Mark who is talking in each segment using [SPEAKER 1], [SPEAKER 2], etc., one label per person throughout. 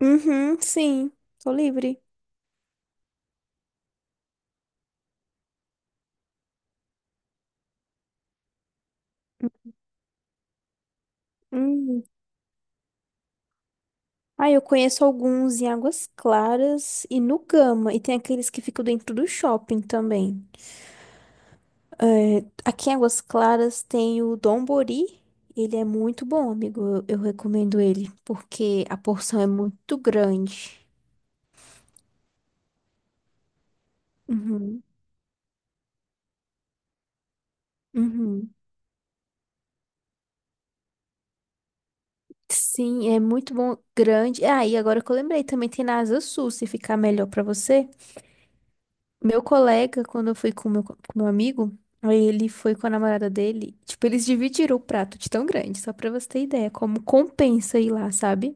[SPEAKER 1] Uhum, sim, tô livre. Hum. Ah, eu conheço alguns em Águas Claras e no Gama. E tem aqueles que ficam dentro do shopping também. É, aqui em Águas Claras tem o Dombori. Ele é muito bom, amigo. Eu recomendo ele, porque a porção é muito grande. Uhum, uhum. Sim, é muito bom, grande. Ah, e agora que eu lembrei, também tem na Asa Sul, se ficar melhor pra você. Meu colega, quando eu fui com com meu amigo, aí ele foi com a namorada dele. Tipo, eles dividiram o prato de tão grande, só pra você ter ideia, como compensa ir lá, sabe?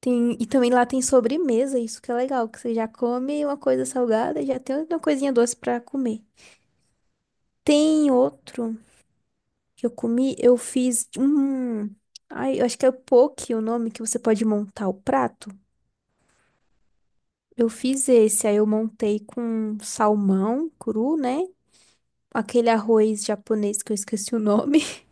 [SPEAKER 1] Tem, e também lá tem sobremesa, isso que é legal, que você já come uma coisa salgada e já tem uma coisinha doce pra comer. Tem outro que eu comi, eu fiz um. Ai, eu acho que é o poke o nome que você pode montar o prato. Eu fiz esse, aí eu montei com salmão cru, né? Aquele arroz japonês que eu esqueci o nome.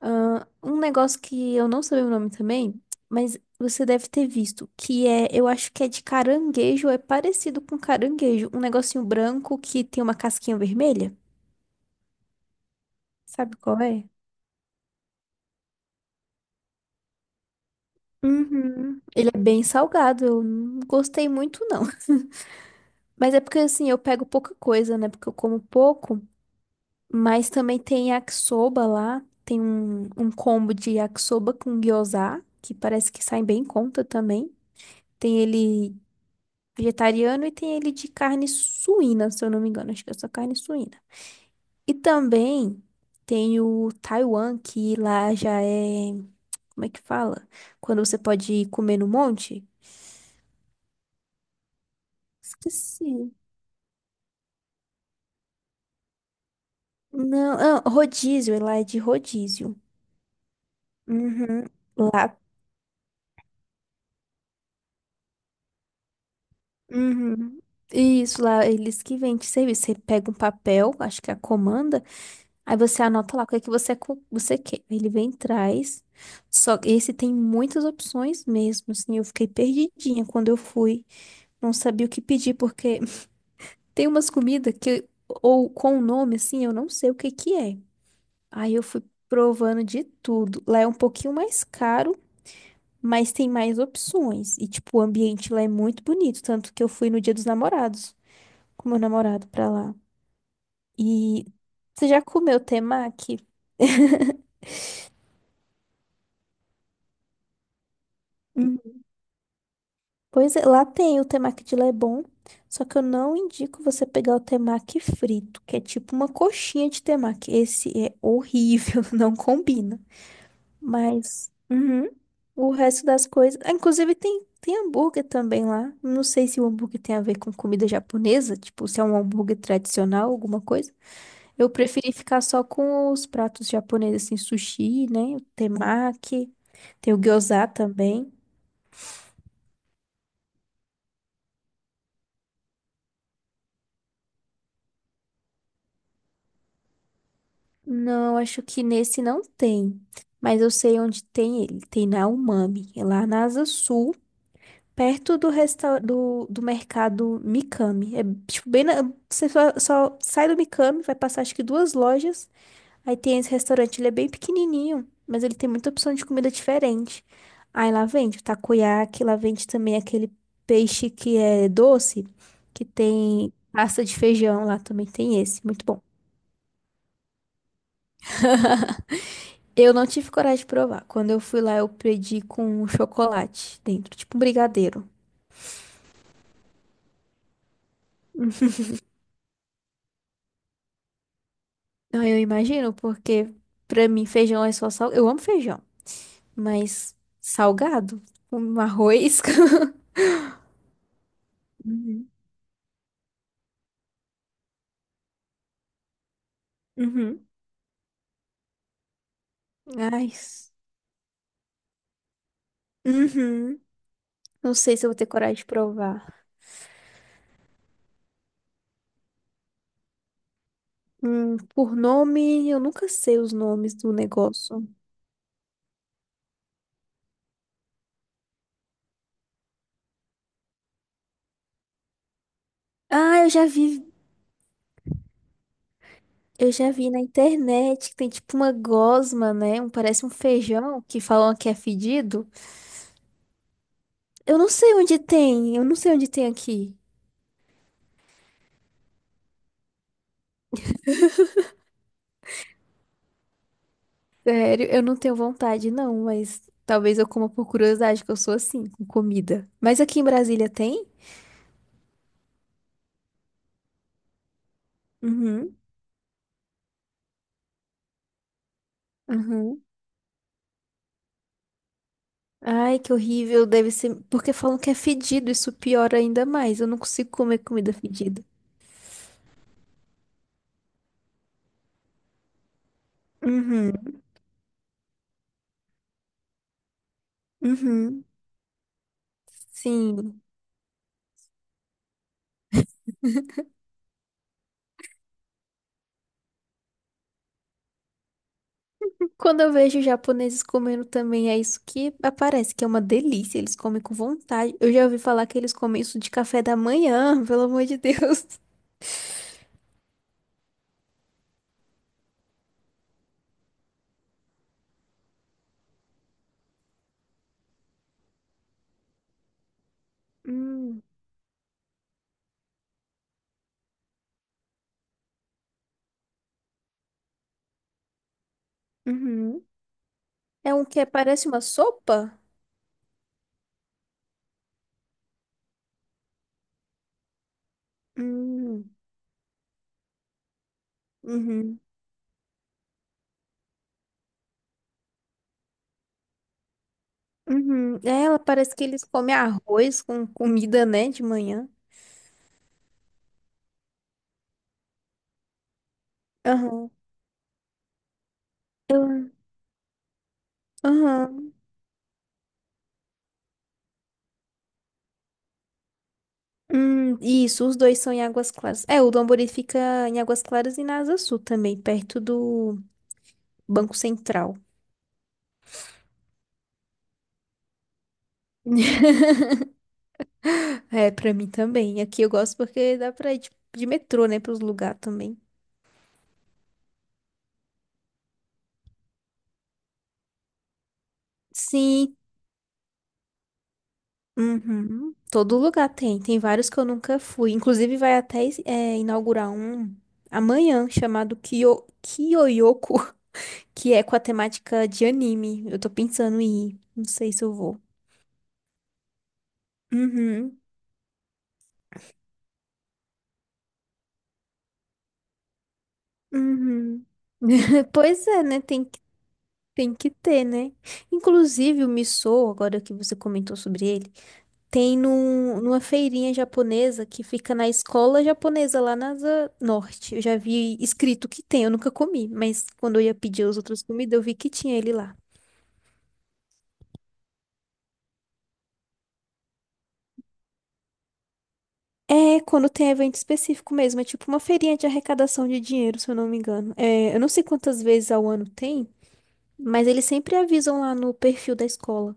[SPEAKER 1] Ah, um negócio que eu não sei o nome também, mas você deve ter visto, que é, eu acho que é de caranguejo, é parecido com caranguejo, um negocinho branco que tem uma casquinha vermelha. Sabe qual é? Uhum. Ele é bem salgado, eu não gostei muito não. Mas é porque assim, eu pego pouca coisa, né? Porque eu como pouco. Mas também tem yakisoba lá. Tem um combo de yakisoba com gyoza, que parece que sai bem em conta também. Tem ele vegetariano e tem ele de carne suína, se eu não me engano. Acho que é só carne suína. E também tem o Taiwan, que lá já é. Como é que fala? Quando você pode ir comer no monte? Esqueci. Não, ah, rodízio, lá é de rodízio. Uhum. Lá. Uhum. Isso lá, eles que vendem serviço. Você pega um papel, acho que é a comanda, aí você anota lá o que é que você quer. Aí ele vem e traz. Só que esse tem muitas opções mesmo, assim. Eu fiquei perdidinha quando eu fui. Não sabia o que pedir, porque tem umas comidas que, ou com o nome, assim, eu não sei o que que é. Aí eu fui provando de tudo. Lá é um pouquinho mais caro. Mas tem mais opções. E, tipo, o ambiente lá é muito bonito. Tanto que eu fui no Dia dos Namorados com meu namorado pra lá. E você já comeu temaki? Hum. Pois é, lá tem o temaki de Lebon, só que eu não indico você pegar o temaki frito, que é tipo uma coxinha de temaki. Esse é horrível, não combina. Mas uhum, o resto das coisas, ah, inclusive tem hambúrguer também lá. Não sei se o hambúrguer tem a ver com comida japonesa, tipo se é um hambúrguer tradicional, alguma coisa. Eu preferi ficar só com os pratos japoneses, assim, sushi, né? O temaki, tem o gyoza também. Não, acho que nesse não tem, mas eu sei onde tem ele. Tem na Umami, é lá na Asa Sul, perto do, do mercado Mikami. É, tipo, bem na... Você só sai do Mikami, vai passar acho que duas lojas, aí tem esse restaurante, ele é bem pequenininho, mas ele tem muita opção de comida diferente. Aí lá vende o takoyaki, lá vende também aquele peixe que é doce, que tem pasta de feijão, lá também tem esse, muito bom. Eu não tive coragem de provar. Quando eu fui lá, eu pedi com um chocolate dentro, tipo um brigadeiro. Ah, eu imagino, porque pra mim feijão é só sal. Eu amo feijão, mas salgado, um arroz. Uhum. Uhum. Ai. Uhum. Não sei se eu vou ter coragem de provar. Por nome, eu nunca sei os nomes do negócio. Ah, eu já vi na internet que tem tipo uma gosma, né? Um, parece um feijão que falam que é fedido. Eu não sei onde tem, eu não sei onde tem aqui. Sério, eu não tenho vontade, não, mas talvez eu coma por curiosidade, que eu sou assim, com comida. Mas aqui em Brasília tem? Uhum, uhum. Ai, que horrível, deve ser. Porque falam que é fedido, isso piora ainda mais. Eu não consigo comer comida fedida. Uhum, uhum, sim. Quando eu vejo japoneses comendo também, é isso que aparece, que é uma delícia. Eles comem com vontade. Eu já ouvi falar que eles comem isso de café da manhã, pelo amor de Deus. Hum, uhum. É um que parece uma sopa? Hum, uhum, uhum. É, ela parece que eles comem arroz com comida, né, de manhã. Aham. Eu- Aham. Isso, os dois são em Águas Claras. É, o Domburi fica em Águas Claras e na Asa Sul também, perto do Banco Central. É, pra mim também. Aqui eu gosto porque dá pra ir de metrô, né, pros lugares também. Sim, uhum. Todo lugar tem. Tem vários que eu nunca fui. Inclusive, vai até inaugurar um amanhã, chamado Kyo, Kyoyoku, que é com a temática de anime. Eu tô pensando em ir. Não sei se eu vou. Uhum. Uhum. Pois é, né? Tem que ter, né? Inclusive, o missô, agora que você comentou sobre ele, tem numa feirinha japonesa que fica na escola japonesa lá na Asa Norte. Eu já vi escrito que tem, eu nunca comi, mas quando eu ia pedir as outras comidas, eu vi que tinha ele lá. É, quando tem evento específico mesmo, é tipo uma feirinha de arrecadação de dinheiro, se eu não me engano. É, eu não sei quantas vezes ao ano tem, mas eles sempre avisam lá no perfil da escola.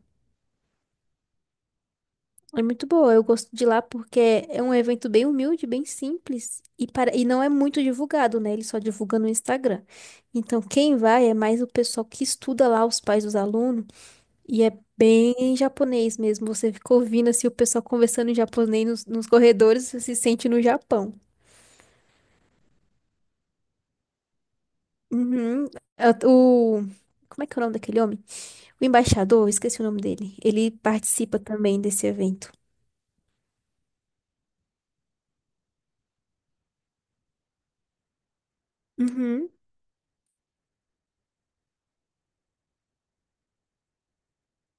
[SPEAKER 1] É muito boa, eu gosto de lá porque é um evento bem humilde, bem simples e, para... e não é muito divulgado, né? Ele só divulga no Instagram. Então, quem vai é mais o pessoal que estuda lá, os pais dos alunos, e é bem japonês mesmo. Você fica ouvindo assim, o pessoal conversando em japonês nos corredores, você se sente no Japão. Uhum. É o... Como é que é o nome daquele homem? O embaixador, eu esqueci o nome dele. Ele participa também desse evento. Uhum,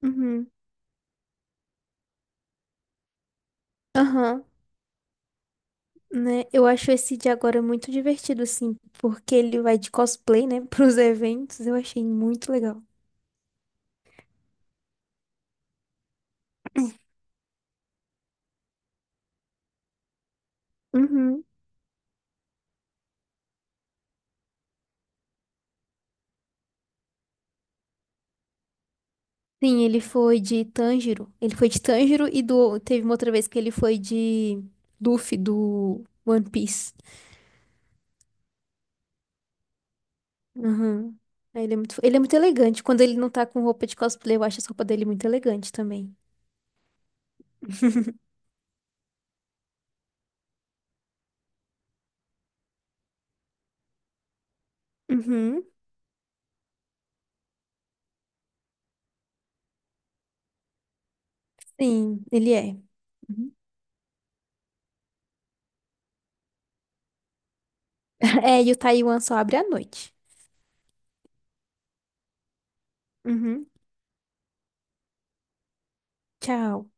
[SPEAKER 1] uhum. Aham. Né? Eu acho esse de agora muito divertido, assim, porque ele vai de cosplay, né, pros eventos. Eu achei muito legal. Uhum. Sim, ele foi de Tanjiro. Ele foi de Tanjiro e do... teve uma outra vez que ele foi de Luffy, do One Piece. Uhum. Aí ele é muito... ele é muito elegante. Quando ele não tá com roupa de cosplay, eu acho essa roupa dele muito elegante também. Uhum. Sim, ele é. Uhum. É, e o Taiwan só abre à noite. Uhum. Tchau.